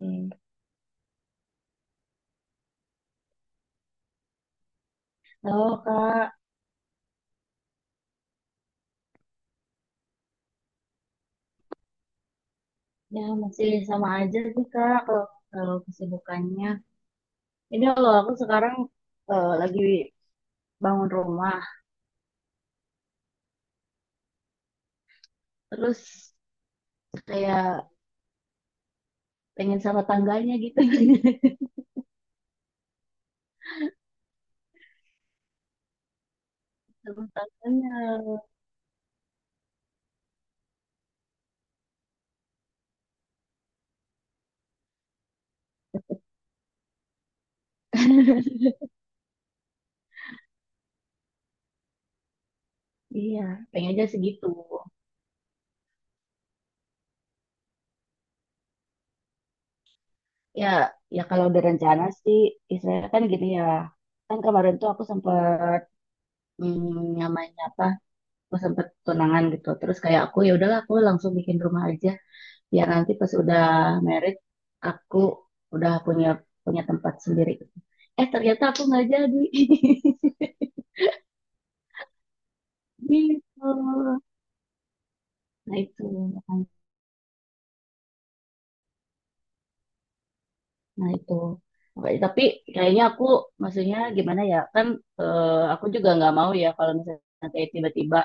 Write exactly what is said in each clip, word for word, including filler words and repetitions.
Hmm. Halo Kak, ya masih sama aja sih Kak kalau, kalau kesibukannya. Ini kalau aku sekarang eh, lagi bangun rumah, terus kayak pengen sama tangganya gitu. Sama tangganya. Iya, pengen aja segitu. Ya, ya kalau udah rencana sih, istilahnya kan gini ya. Kan kemarin tuh aku sempet hmm, namanya apa? Aku sempet tunangan gitu. Terus kayak aku ya udahlah aku langsung bikin rumah aja ya nanti pas udah married aku udah punya punya tempat sendiri gitu. Eh ternyata aku nggak jadi, gitu. Nah itu nah itu Makanya, tapi kayaknya aku maksudnya gimana ya kan, eh, aku juga nggak mau ya kalau misalnya kayak tiba-tiba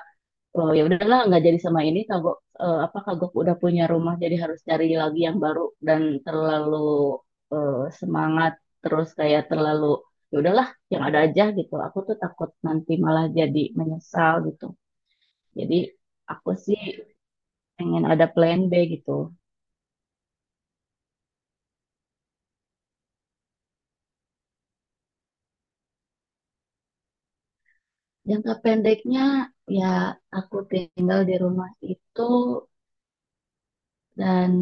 oh ya udahlah nggak jadi sama ini kagok, eh, apa kagok udah punya rumah jadi harus cari lagi yang baru dan terlalu eh, semangat terus kayak terlalu ya udahlah yang ada aja gitu aku tuh takut nanti malah jadi menyesal gitu. Jadi aku sih pengen ada plan B gitu. Jangka pendeknya ya aku tinggal di rumah itu dan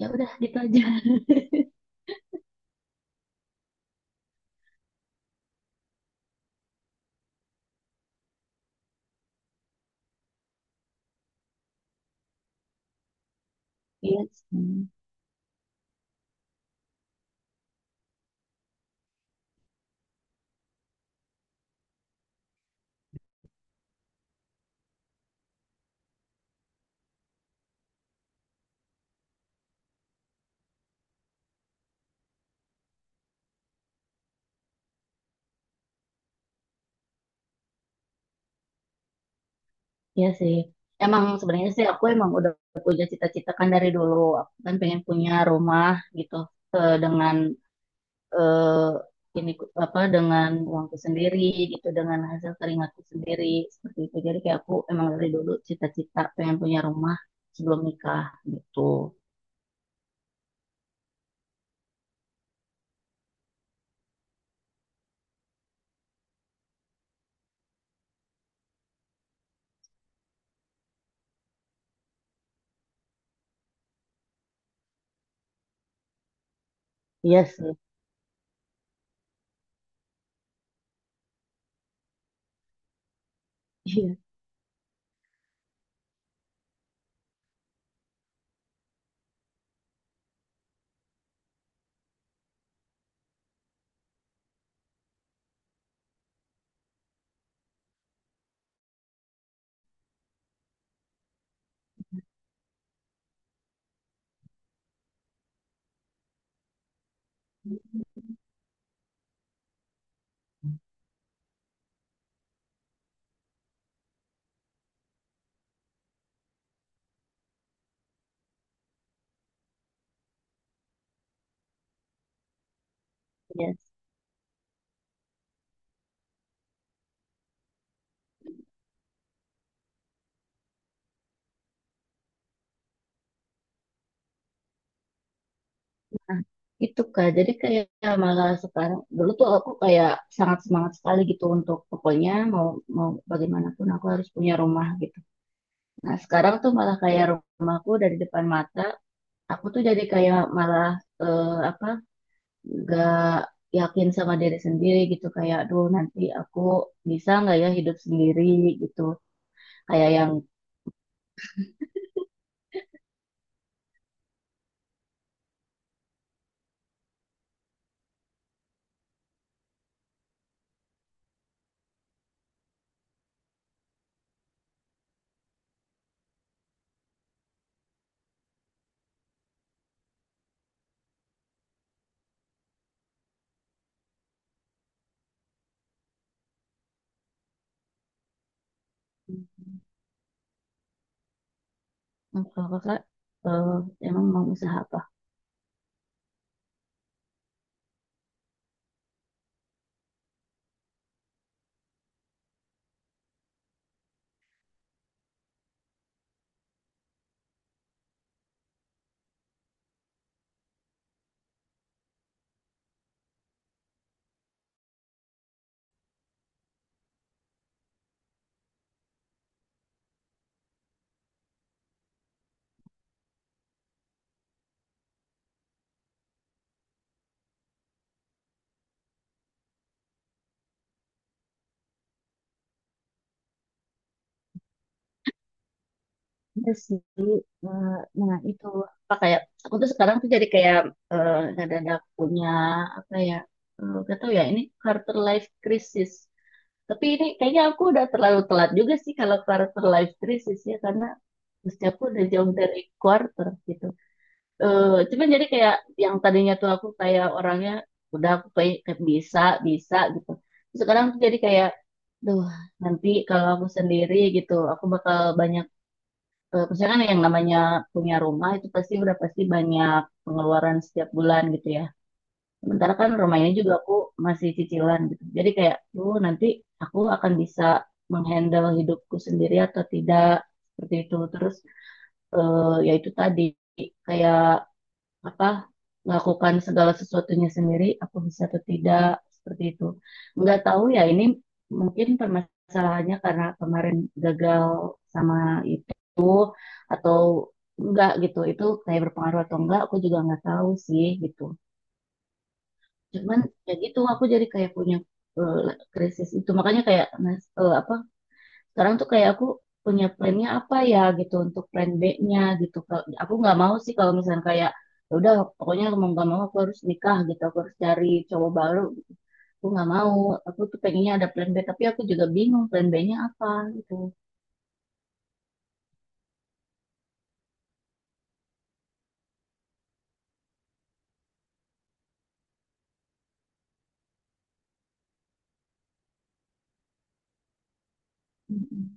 ya udah gitu aja. Iya sih. Iya sih. Emang sebenarnya sih aku emang udah punya cita-cita kan dari dulu. Aku kan pengen punya rumah gitu eh, dengan eh, ini ku- apa dengan uangku sendiri gitu, dengan hasil keringatku sendiri seperti itu. Jadi kayak aku emang dari dulu cita-cita pengen punya rumah sebelum nikah gitu. Iya sih. Iya, iya. Nah, itu Kak. Jadi kayak malah sekarang dulu tuh aku kayak sangat semangat sekali gitu untuk pokoknya mau mau bagaimanapun aku harus punya rumah gitu. Nah, sekarang tuh malah kayak rumahku dari depan mata, aku tuh jadi kayak malah eh, apa, gak yakin sama diri sendiri gitu, kayak aduh nanti aku bisa nggak ya hidup sendiri gitu, kayak yang "Hmm, kalau kakak eh, emang mau usaha apa?" Iya sih. Eh, nah itu, apa, kayak aku tuh sekarang tuh jadi kayak eh, ngedadak punya apa ya, eh, gak tau ya ini quarter life crisis. Tapi ini kayaknya aku udah terlalu telat juga sih kalau karakter life crisis ya, karena usia aku udah jauh dari quarter gitu. Eh, cuman jadi kayak yang tadinya tuh aku kayak orangnya udah, aku kayak kayak bisa bisa gitu. Terus sekarang tuh jadi kayak, duh nanti kalau aku sendiri gitu, aku bakal banyak. eh, Maksudnya kan yang namanya punya rumah itu pasti udah pasti banyak pengeluaran setiap bulan gitu ya. Sementara kan rumah ini juga aku masih cicilan gitu. Jadi kayak, tuh nanti aku akan bisa menghandle hidupku sendiri atau tidak, seperti itu. Terus eh, ya itu tadi kayak apa, melakukan segala sesuatunya sendiri, aku bisa atau tidak, seperti itu. Nggak tahu ya ini mungkin permasalahannya karena kemarin gagal sama itu atau enggak gitu. Itu kayak berpengaruh atau enggak, aku juga nggak tahu sih gitu. Cuman ya gitu aku jadi kayak punya eh, krisis itu, makanya kayak nas- eh, apa, sekarang tuh kayak aku punya plannya apa ya gitu untuk plan B-nya gitu. Kalau, aku nggak mau sih kalau misalnya kayak "Ya udah pokoknya mau nggak mau aku harus nikah gitu, aku harus cari cowok baru." Aku nggak mau. Aku tuh pengennya ada plan B, tapi aku juga bingung plan B-nya apa gitu. Mm-mm.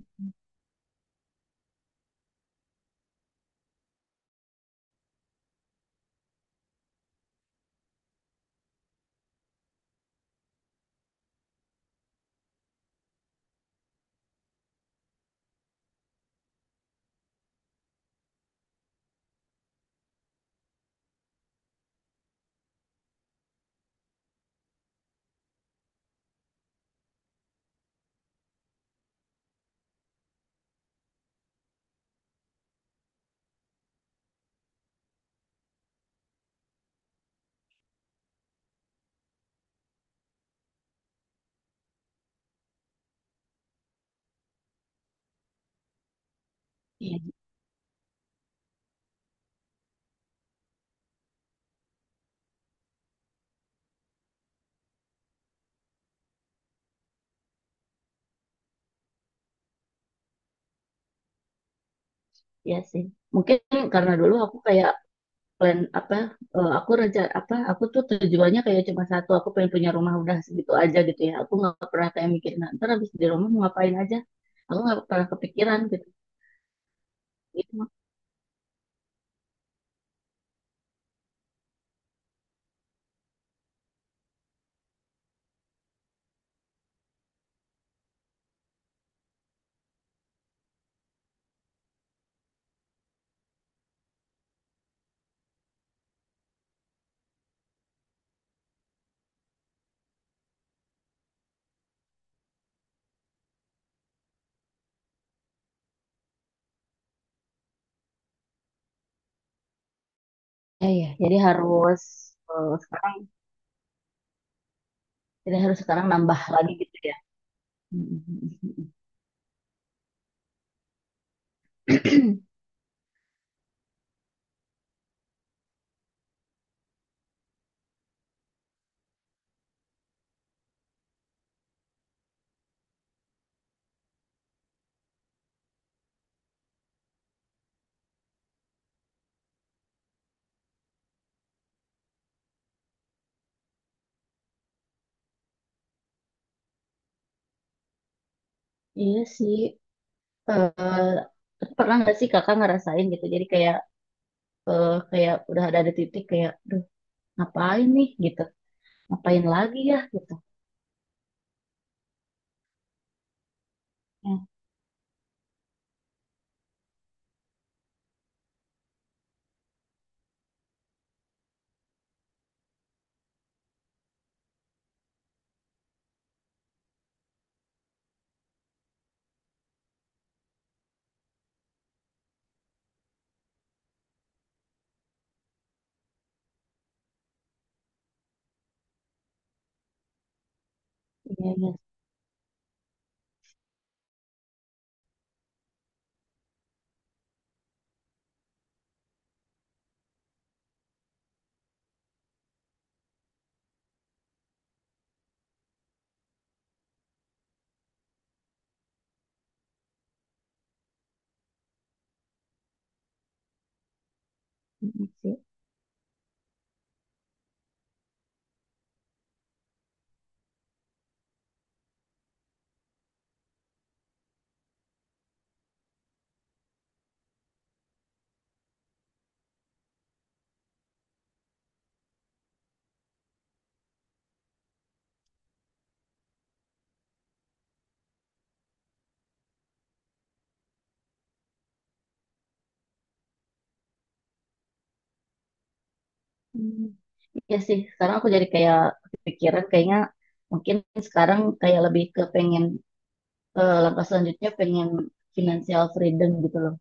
Iya ya sih mungkin karena dulu aku kayak plan apa, eh, aku rencana apa, aku tuh tujuannya kayak cuma satu, aku pengen punya rumah udah segitu aja gitu ya, aku nggak pernah kayak mikir nah, ntar habis di rumah mau ngapain aja, aku nggak pernah kepikiran gitu. Gitu ya. Ya jadi harus eh, sekarang jadi harus sekarang nambah lagi gitu ya. Iya sih. Eh pernah nggak sih kakak ngerasain gitu jadi kayak eh, kayak udah ada di titik kayak duh, ngapain nih gitu, ngapain lagi ya gitu. Ya, iya iya. Mm, sih. Mm. Ya sih, sekarang aku jadi kayak kepikiran kayaknya mungkin sekarang kayak lebih ke pengen eh, langkah selanjutnya pengen financial freedom gitu loh.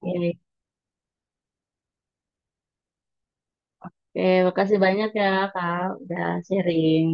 Oke, oke, makasih banyak ya Kak, udah sharing.